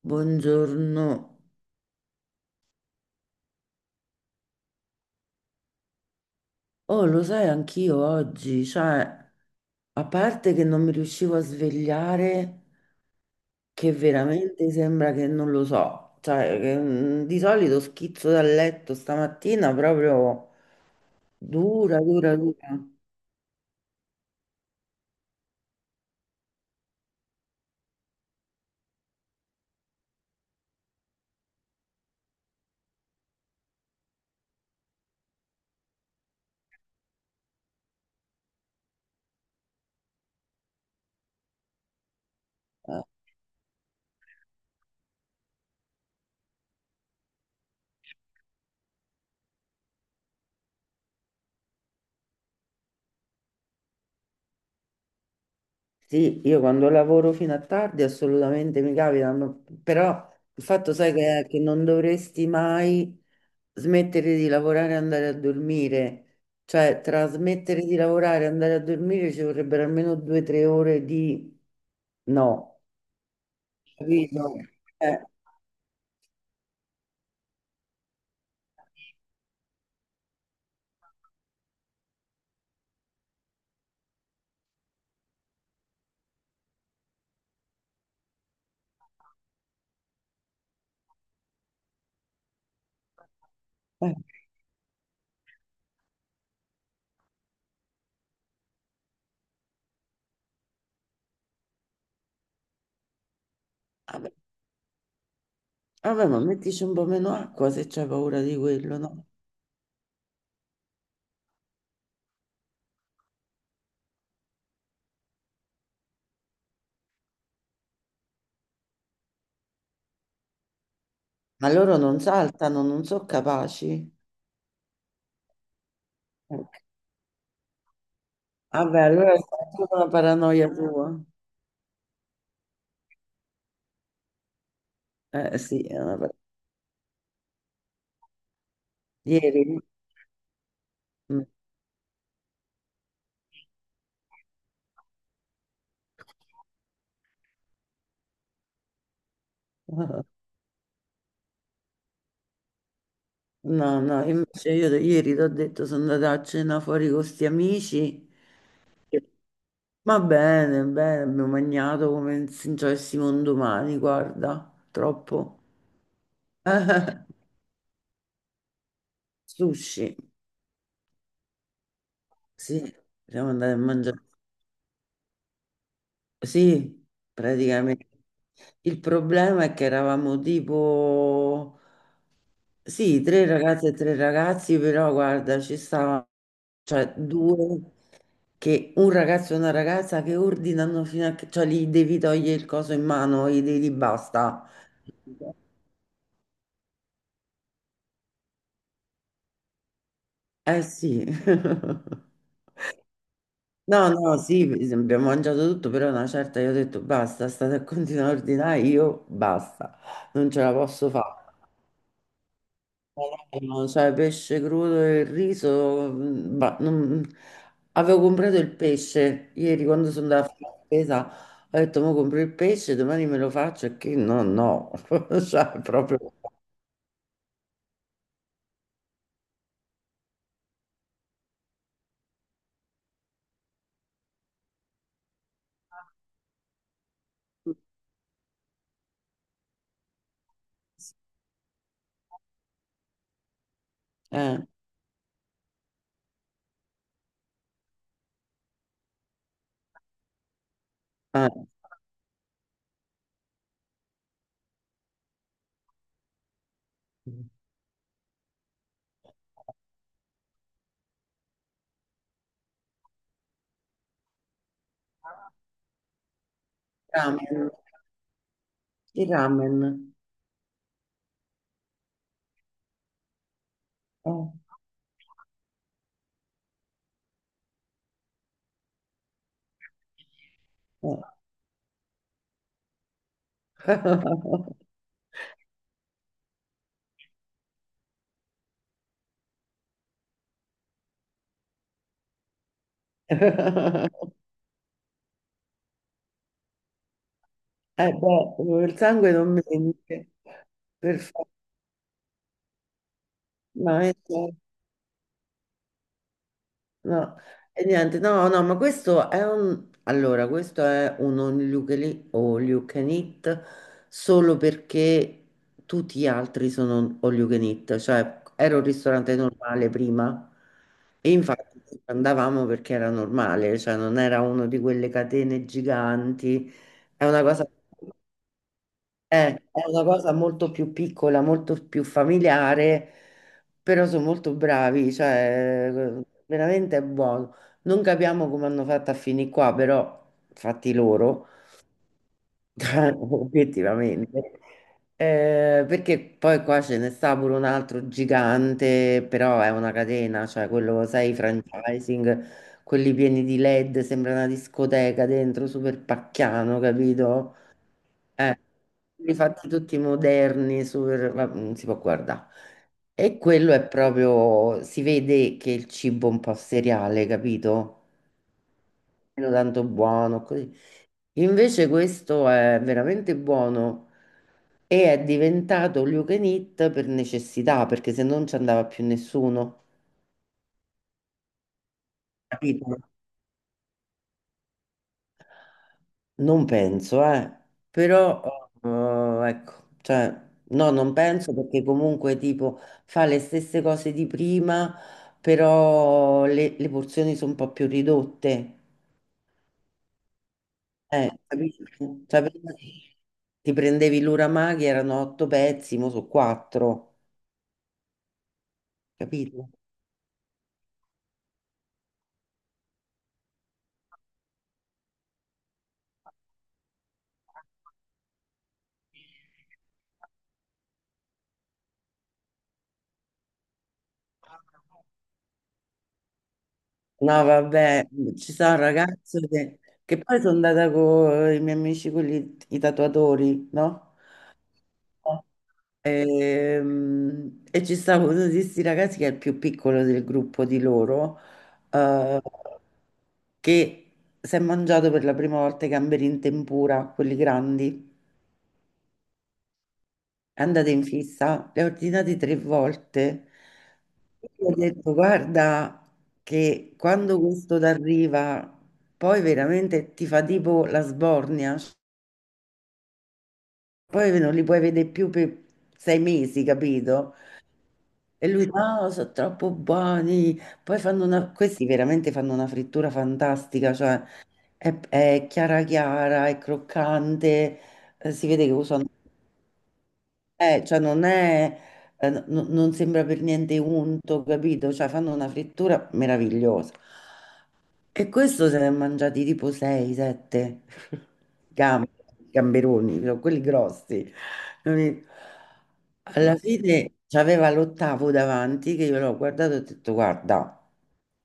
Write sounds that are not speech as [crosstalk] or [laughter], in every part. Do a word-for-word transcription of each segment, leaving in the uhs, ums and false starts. Buongiorno. Oh, lo sai, anch'io oggi, cioè, a parte che non mi riuscivo a svegliare, che veramente sembra che non lo so, cioè, che, mm, di solito schizzo dal letto stamattina proprio dura, dura, dura. Sì, io quando lavoro fino a tardi assolutamente mi capita, ma- però il fatto sai che, è che non dovresti mai smettere di lavorare e andare a dormire, cioè tra smettere di lavorare e andare a dormire ci vorrebbero almeno due o tre ore di no, capito? Eh, eh, vabbè, vabbè, ma mettici un po' meno acqua se c'hai paura di quello, no? Ma loro non saltano, non sono capaci. Vabbè, allora è tutta una paranoia tua. Eh sì, è una par- Ieri. Mm. [laughs] No, no, invece io de- ieri ti ho detto, sono andata a cena fuori con sti amici. Sì. Va bene, bene, abbiamo mangiato come se non ci avessimo un domani, guarda, troppo. [laughs] Sushi, sì, siamo andati a mangiare. Sì, praticamente. Il problema è che eravamo tipo, sì, tre ragazze e tre ragazzi, però guarda, ci stavano, cioè due, che un ragazzo e una ragazza che ordinano fino a che, cioè gli devi togliere il coso in mano, gli devi dire basta. Eh sì. [laughs] No, no, sì, sì, abbiamo mangiato tutto, però una certa io ho detto basta, state a continuare a ordinare, io basta, non ce la posso fare. No, sai, pesce crudo e il riso, mm, bah, non- avevo comprato il pesce ieri quando sono andata a fare la spesa, ho detto, mo compro il pesce, domani me lo faccio, e che no, no, [laughs] cioè, proprio, eh, eh. Ramen, il ramen, eh, eh. [laughs] Eh, beh, il sangue non mente, perfetto, no, eh, sì. No, e niente, no, no, ma questo è un... Allora, questo è un all you can eat, all you can eat solo perché tutti gli altri sono all you can eat, cioè era un ristorante normale prima e infatti ci andavamo perché era normale, cioè non era uno di quelle catene giganti, è una cosa... Eh, è una cosa molto più piccola, molto più familiare, però sono molto bravi, cioè eh, veramente è buono. Non capiamo come hanno fatto a finire qua, però fatti loro, [laughs] obiettivamente. Eh, perché poi qua ce ne sta pure un altro gigante, però è una catena, cioè quello, sai, i franchising, quelli pieni di L E D, sembra una discoteca dentro, super pacchiano, capito? eh, li fatti tutti moderni, super, va- non si può guardare. E quello è proprio, si vede che il cibo è un po' seriale, capito? Meno tanto buono, così. Invece questo è veramente buono e è diventato all you can eat per necessità, perché se non ci andava più nessuno, capito? Non penso, eh, però eh, ecco, cioè, no, non penso perché comunque tipo fa le stesse cose di prima, però le, le porzioni sono un po' più ridotte. Eh, capisci? Cioè, prima ti ti prendevi l'uramaki, erano otto pezzi, mo sono quattro, capito? No, vabbè, ci sono ragazze che, che poi sono andata con i miei amici, quelli, i tatuatori, no? Ehm, E, ci stava uno di questi ragazzi che è il più piccolo del gruppo di loro, eh, che si è mangiato per la prima volta i gamberi in tempura, quelli grandi, è andato in fissa, li ha ordinati tre volte. Gli ho detto, guarda che quando questo t'arriva, poi veramente ti fa tipo la sbornia, poi non li puoi vedere più per sei mesi, capito? E lui, no, sono troppo buoni. Poi fanno una, questi veramente fanno una frittura fantastica, cioè è, è chiara chiara, è croccante, eh, si vede che usano eh, cioè non è, eh, n- n- non sembra per niente unto, capito? Cioè fanno una frittura meravigliosa. E questo se ne è mangiati tipo sei, sette [laughs] gamberoni, però quelli grossi. Capito? Alla fine c'aveva l'ottavo davanti che io l'ho guardato e ho detto guarda,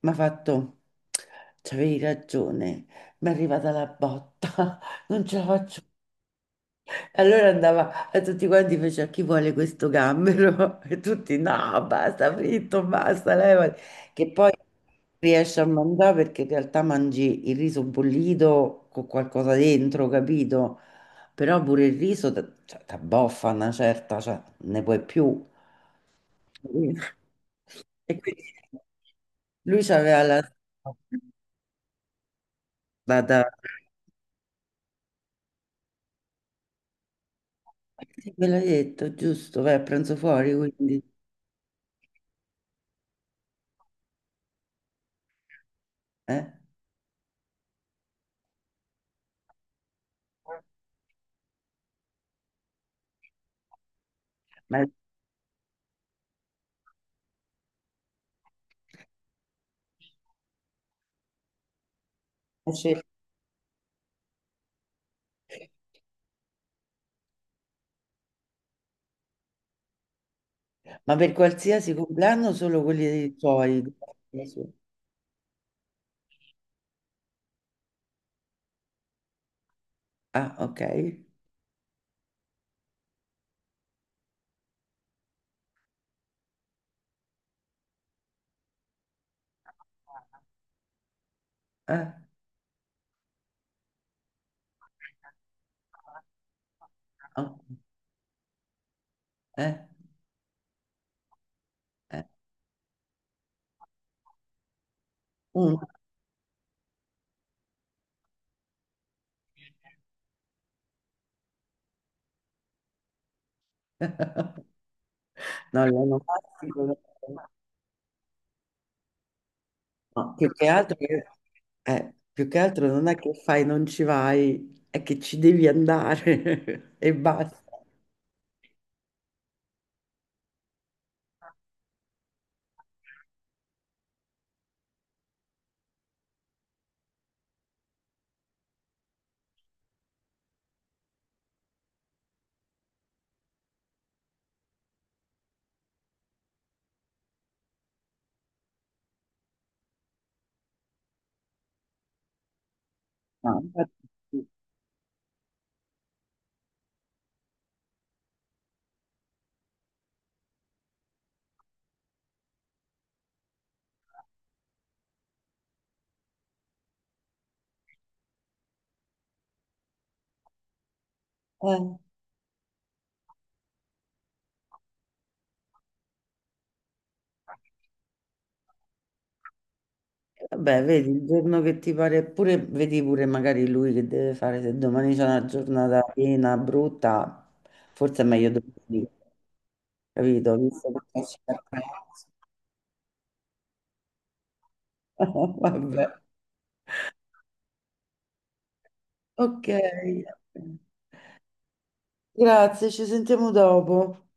mi ha fatto, c'avevi ragione, mi è arrivata la botta, [laughs] non ce la faccio, allora andava a tutti quanti, faceva chi vuole questo gambero? [laughs] E tutti no, basta, fritto, basta, levati. Che poi riesci a mangiare perché in realtà mangi il riso bollito con qualcosa dentro, capito? Però pure il riso ti abboffa una certa, cioè ne puoi più. E quindi lui c'aveva la... [laughs] Da, da... Ve l'ho detto, giusto, vai a pranzo fuori, quindi... Eh? Ma, ma c'è- ma per qualsiasi compleanno solo quelli dei tuoi? Della sua? Ah, ok. Eh, ah, ok. eh, eh. Mm. [laughs] No, l'onomastico no. No, più che altro, che- eh, più che altro non è che fai, non ci vai, è che ci devi andare [laughs] e basta. No, infatti sì. Eh. Vabbè, vedi, il giorno che ti pare, pure, vedi pure magari lui che deve fare, se domani c'è una giornata piena, brutta, forse è meglio domani, capito? Visto che esci da casa. [laughs] Vabbè, ok. Grazie, ci sentiamo dopo.